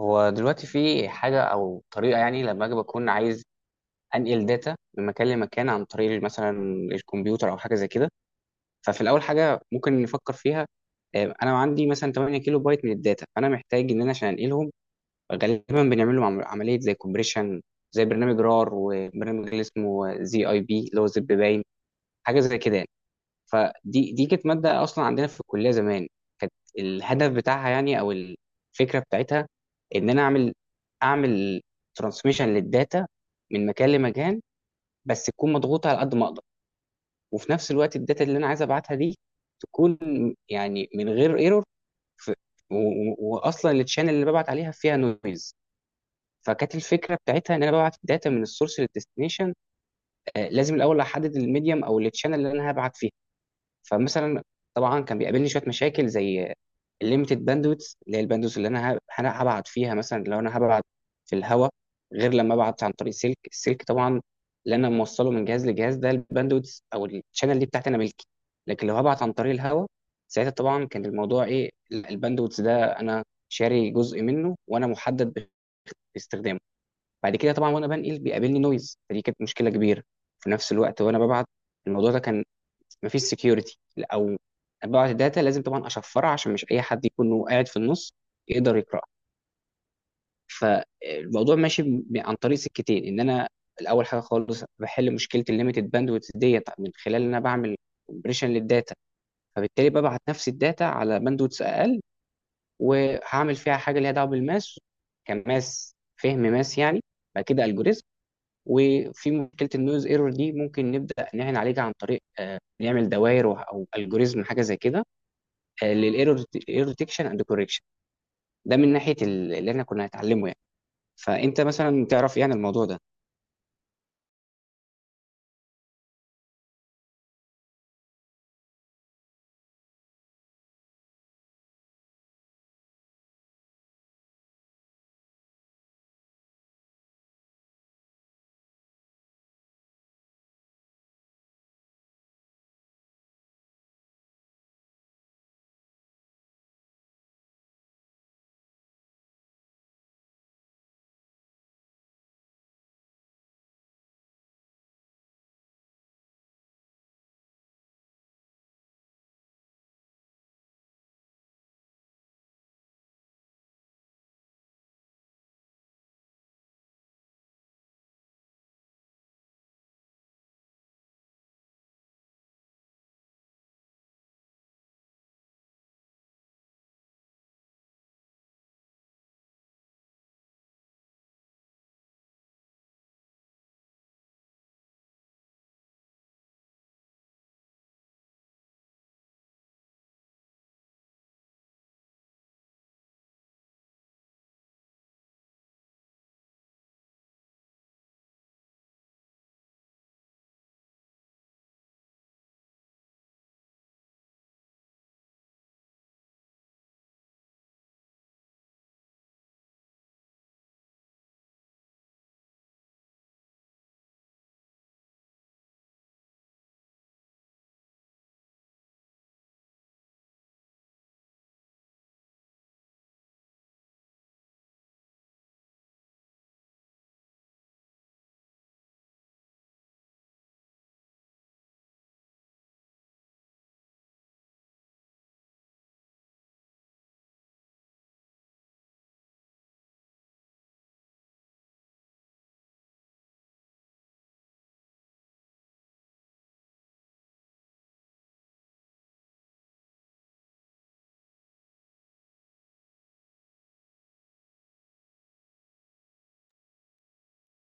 هو دلوقتي في حاجة أو طريقة يعني لما أجي بكون عايز أنقل داتا من مكان لمكان عن طريق مثلا الكمبيوتر أو حاجة زي كده. ففي الأول حاجة ممكن نفكر فيها، أنا عندي مثلا 8 كيلو بايت من الداتا، فأنا محتاج إن أنا عشان أنقلهم غالبا بنعمل لهم عملية زي كومبريشن، زي برنامج رار وبرنامج اللي اسمه زي أي بي اللي هو زب باين، حاجة زي كده يعني. فدي كانت ماده اصلا عندنا في الكليه زمان. كانت الهدف بتاعها يعني او الفكره بتاعتها ان انا اعمل ترانسميشن للداتا من مكان لمكان، بس تكون مضغوطه على قد ما اقدر. وفي نفس الوقت الداتا اللي انا عايز ابعتها دي تكون يعني من غير ايرور، واصلا التشانل اللي ببعت عليها فيها نويز. فكانت الفكره بتاعتها ان انا ببعت الداتا من السورس للديستنيشن. لازم الاول احدد الميديم او التشانل اللي انا هبعت فيه. فمثلا، طبعا كان بيقابلني شويه مشاكل زي الليميتد باندويث، اللي هي الباندويث اللي انا هبعت فيها. مثلا لو انا هبعت في الهواء، غير لما ابعت عن طريق سلك. السلك طبعا اللي انا موصله من جهاز لجهاز، ده الباندويث او الشانل دي بتاعتي انا ملكي. لكن لو هبعت عن طريق الهواء، ساعتها طبعا كان الموضوع ايه، الباندويث ده انا شاري جزء منه وانا محدد باستخدامه. بعد كده طبعا وانا بنقل بيقابلني نويز، فدي كانت مشكله كبيره. في نفس الوقت وانا ببعت، الموضوع ده كان مفيش سكيورتي، او بعض الداتا لازم طبعا اشفرها عشان مش اي حد يكون هو قاعد في النص يقدر يقراها. فالموضوع ماشي عن طريق سكتين، ان انا الاول حاجه خالص بحل مشكله الليميتد باندويث ديت من خلال ان انا بعمل كومبريشن للداتا، فبالتالي ببعت نفس الداتا على باندويث اقل، وهعمل فيها حاجه ليها دعوه بالماس كماس فهم ماس يعني. بعد كده الجوريزم، وفي مشكله النويز ايرور دي ممكن نبدا نعين عليها عن طريق نعمل دوائر او الجوريزم حاجه زي كده، للايرور ديتكشن اند كوركشن. ده من ناحيه اللي احنا كنا هنتعلمه يعني. فانت مثلا تعرف ايه عن الموضوع ده؟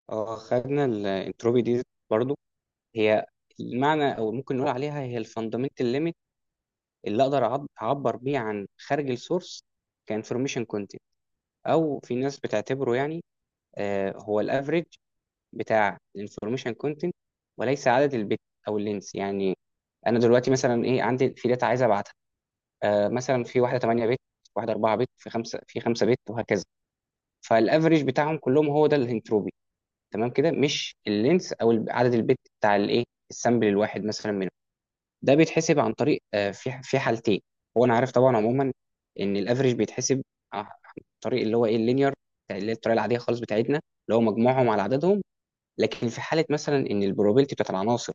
اه، خدنا الانتروبي دي برضو. هي المعنى او ممكن نقول عليها هي الفاندامنتال ليميت اللي اقدر اعبر بيه عن خارج السورس كانفورميشن كونتنت. او في ناس بتعتبره يعني، هو الافريج بتاع الانفورميشن كونتنت، وليس عدد البت او اللينس يعني. انا دلوقتي مثلا ايه عندي في داتا عايز ابعتها، مثلا في واحده 8 بت، واحده 4 بت، في خمسه بت وهكذا. فالافريج بتاعهم كلهم هو ده الانتروبي، تمام كده، مش اللينس او عدد البت بتاع الايه السامبل الواحد مثلا منهم. ده بيتحسب عن طريق في في حالتين. هو انا عارف طبعا عموما ان الافريج بيتحسب عن طريق اللي هو ايه اللينير، اللي هي الطريقه العاديه خالص بتاعتنا، اللي هو مجموعهم على عددهم. لكن في حاله مثلا ان البروبابيلتي بتاعت العناصر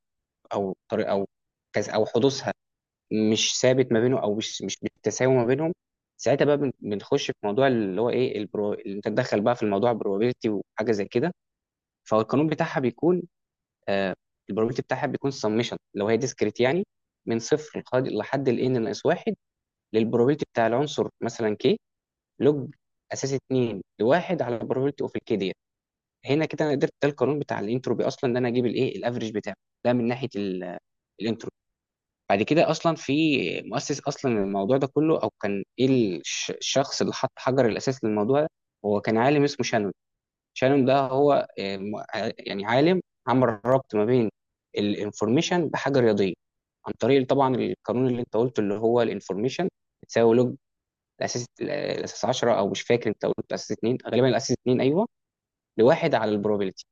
او طريق او كذا او حدوثها مش ثابت ما بينه، او مش بالتساوي ما بينهم، ساعتها بقى بنخش في موضوع اللي هو ايه اللي انت تدخل بقى في الموضوع probability وحاجه زي كده. فهو القانون بتاعها بيكون، آه probability بتاعها بيكون سمشن لو هي ديسكريت يعني، من صفر لحد ال n ناقص واحد، للبروبابيلتي بتاع العنصر مثلا k، لوج اساس 2 لواحد على probability اوف الكي ديت. هنا كده انا قدرت، ده القانون بتاع الانتروبي اصلا، ان انا اجيب الايه الافريج بتاعه. ده من ناحيه الانتروبي. بعد كده اصلا في مؤسس اصلا الموضوع ده كله او كان ايه، الشخص اللي حط حجر الاساس للموضوع ده، هو كان عالم اسمه شانون. شانون ده هو يعني عالم عمل ربط ما بين الانفورميشن بحاجه رياضيه، عن طريق طبعا القانون اللي انت قلته اللي هو الانفورميشن تساوي لوج الاساس 10، او مش فاكر، انت قلت الاساس 2 غالبا، الاساس 2 ايوه، لواحد على البروبابيلتي.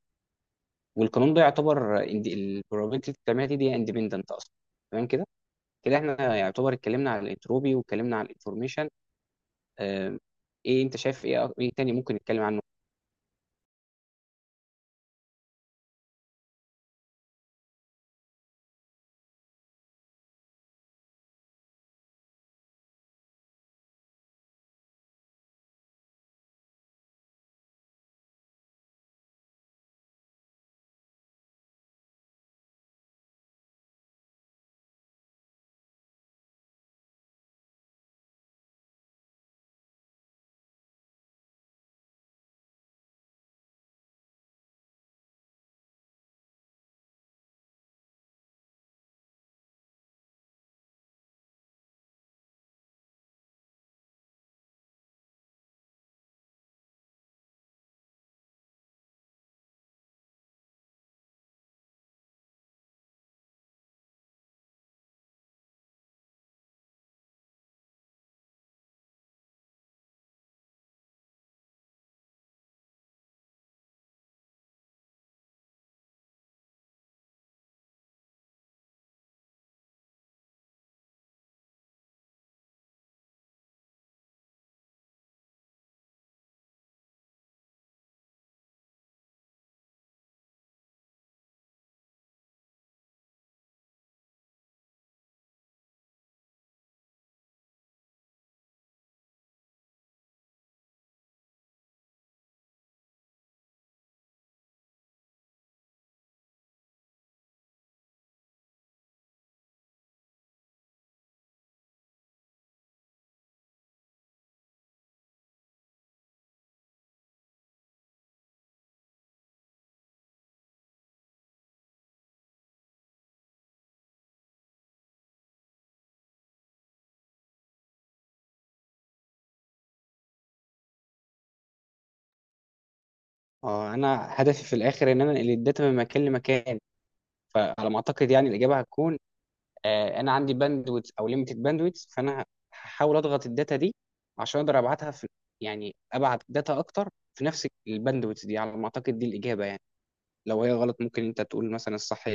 والقانون ده يعتبر البروبابيلتي اللي بتعملها دي اندبندنت اصلا، تمام كده. كده احنا يعتبر اتكلمنا على الانتروبي واتكلمنا على الانفورميشن. آم، ايه انت شايف، ايه تاني ممكن نتكلم عنه؟ اه، انا هدفي في الاخر ان انا انقل الداتا من مكان لمكان. فعلى ما اعتقد يعني الاجابه هتكون، انا عندي باندويت او ليميتد باندويت، فانا هحاول اضغط الداتا دي عشان اقدر ابعتها في، يعني ابعت داتا اكتر في نفس الباندويت دي. على ما اعتقد دي الاجابه يعني، لو هي غلط ممكن انت تقول مثلا الصح.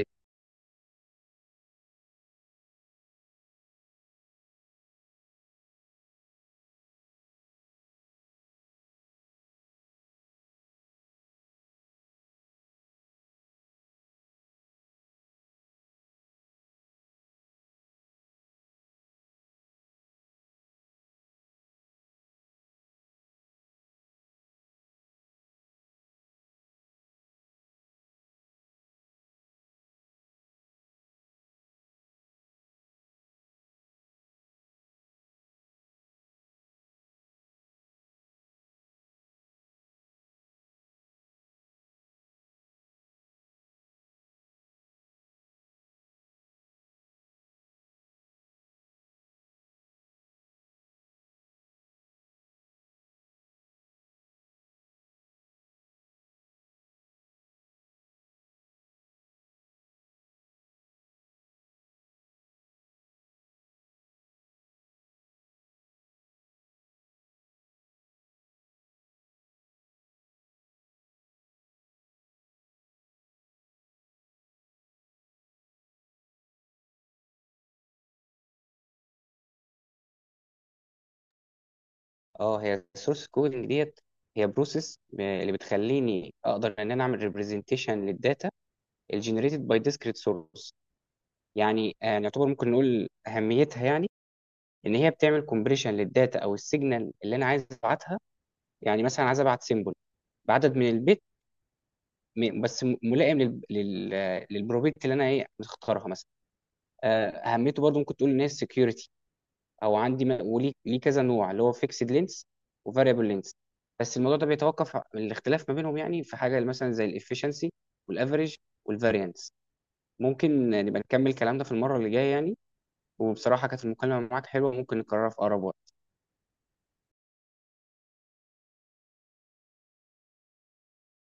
اه، هي السورس كودنج ديت هي بروسيس اللي بتخليني اقدر ان انا اعمل ريبريزنتيشن للداتا الجنريتد باي ديسكريت سورس. يعني نعتبر ممكن نقول اهميتها يعني ان هي بتعمل كومبريشن للداتا او السيجنال اللي انا عايز ابعتها. يعني مثلا عايز ابعت سيمبل بعدد من البت، بس ملائم لل... لل... آه، للبروبيت اللي انا ايه مختارها مثلا. اهميته برضو ممكن تقول ان هي security، او عندي وليه ليه كذا نوع، اللي هو فيكسد لينس وفاريبل لينس. بس الموضوع ده بيتوقف الاختلاف ما بينهم، يعني في حاجه مثلا زي الافشنسي والافريج والفاريانس. ممكن نبقى نكمل كلام ده في المره اللي جايه يعني. وبصراحه كانت المكالمه معاك حلوه، ممكن نكررها في اقرب وقت.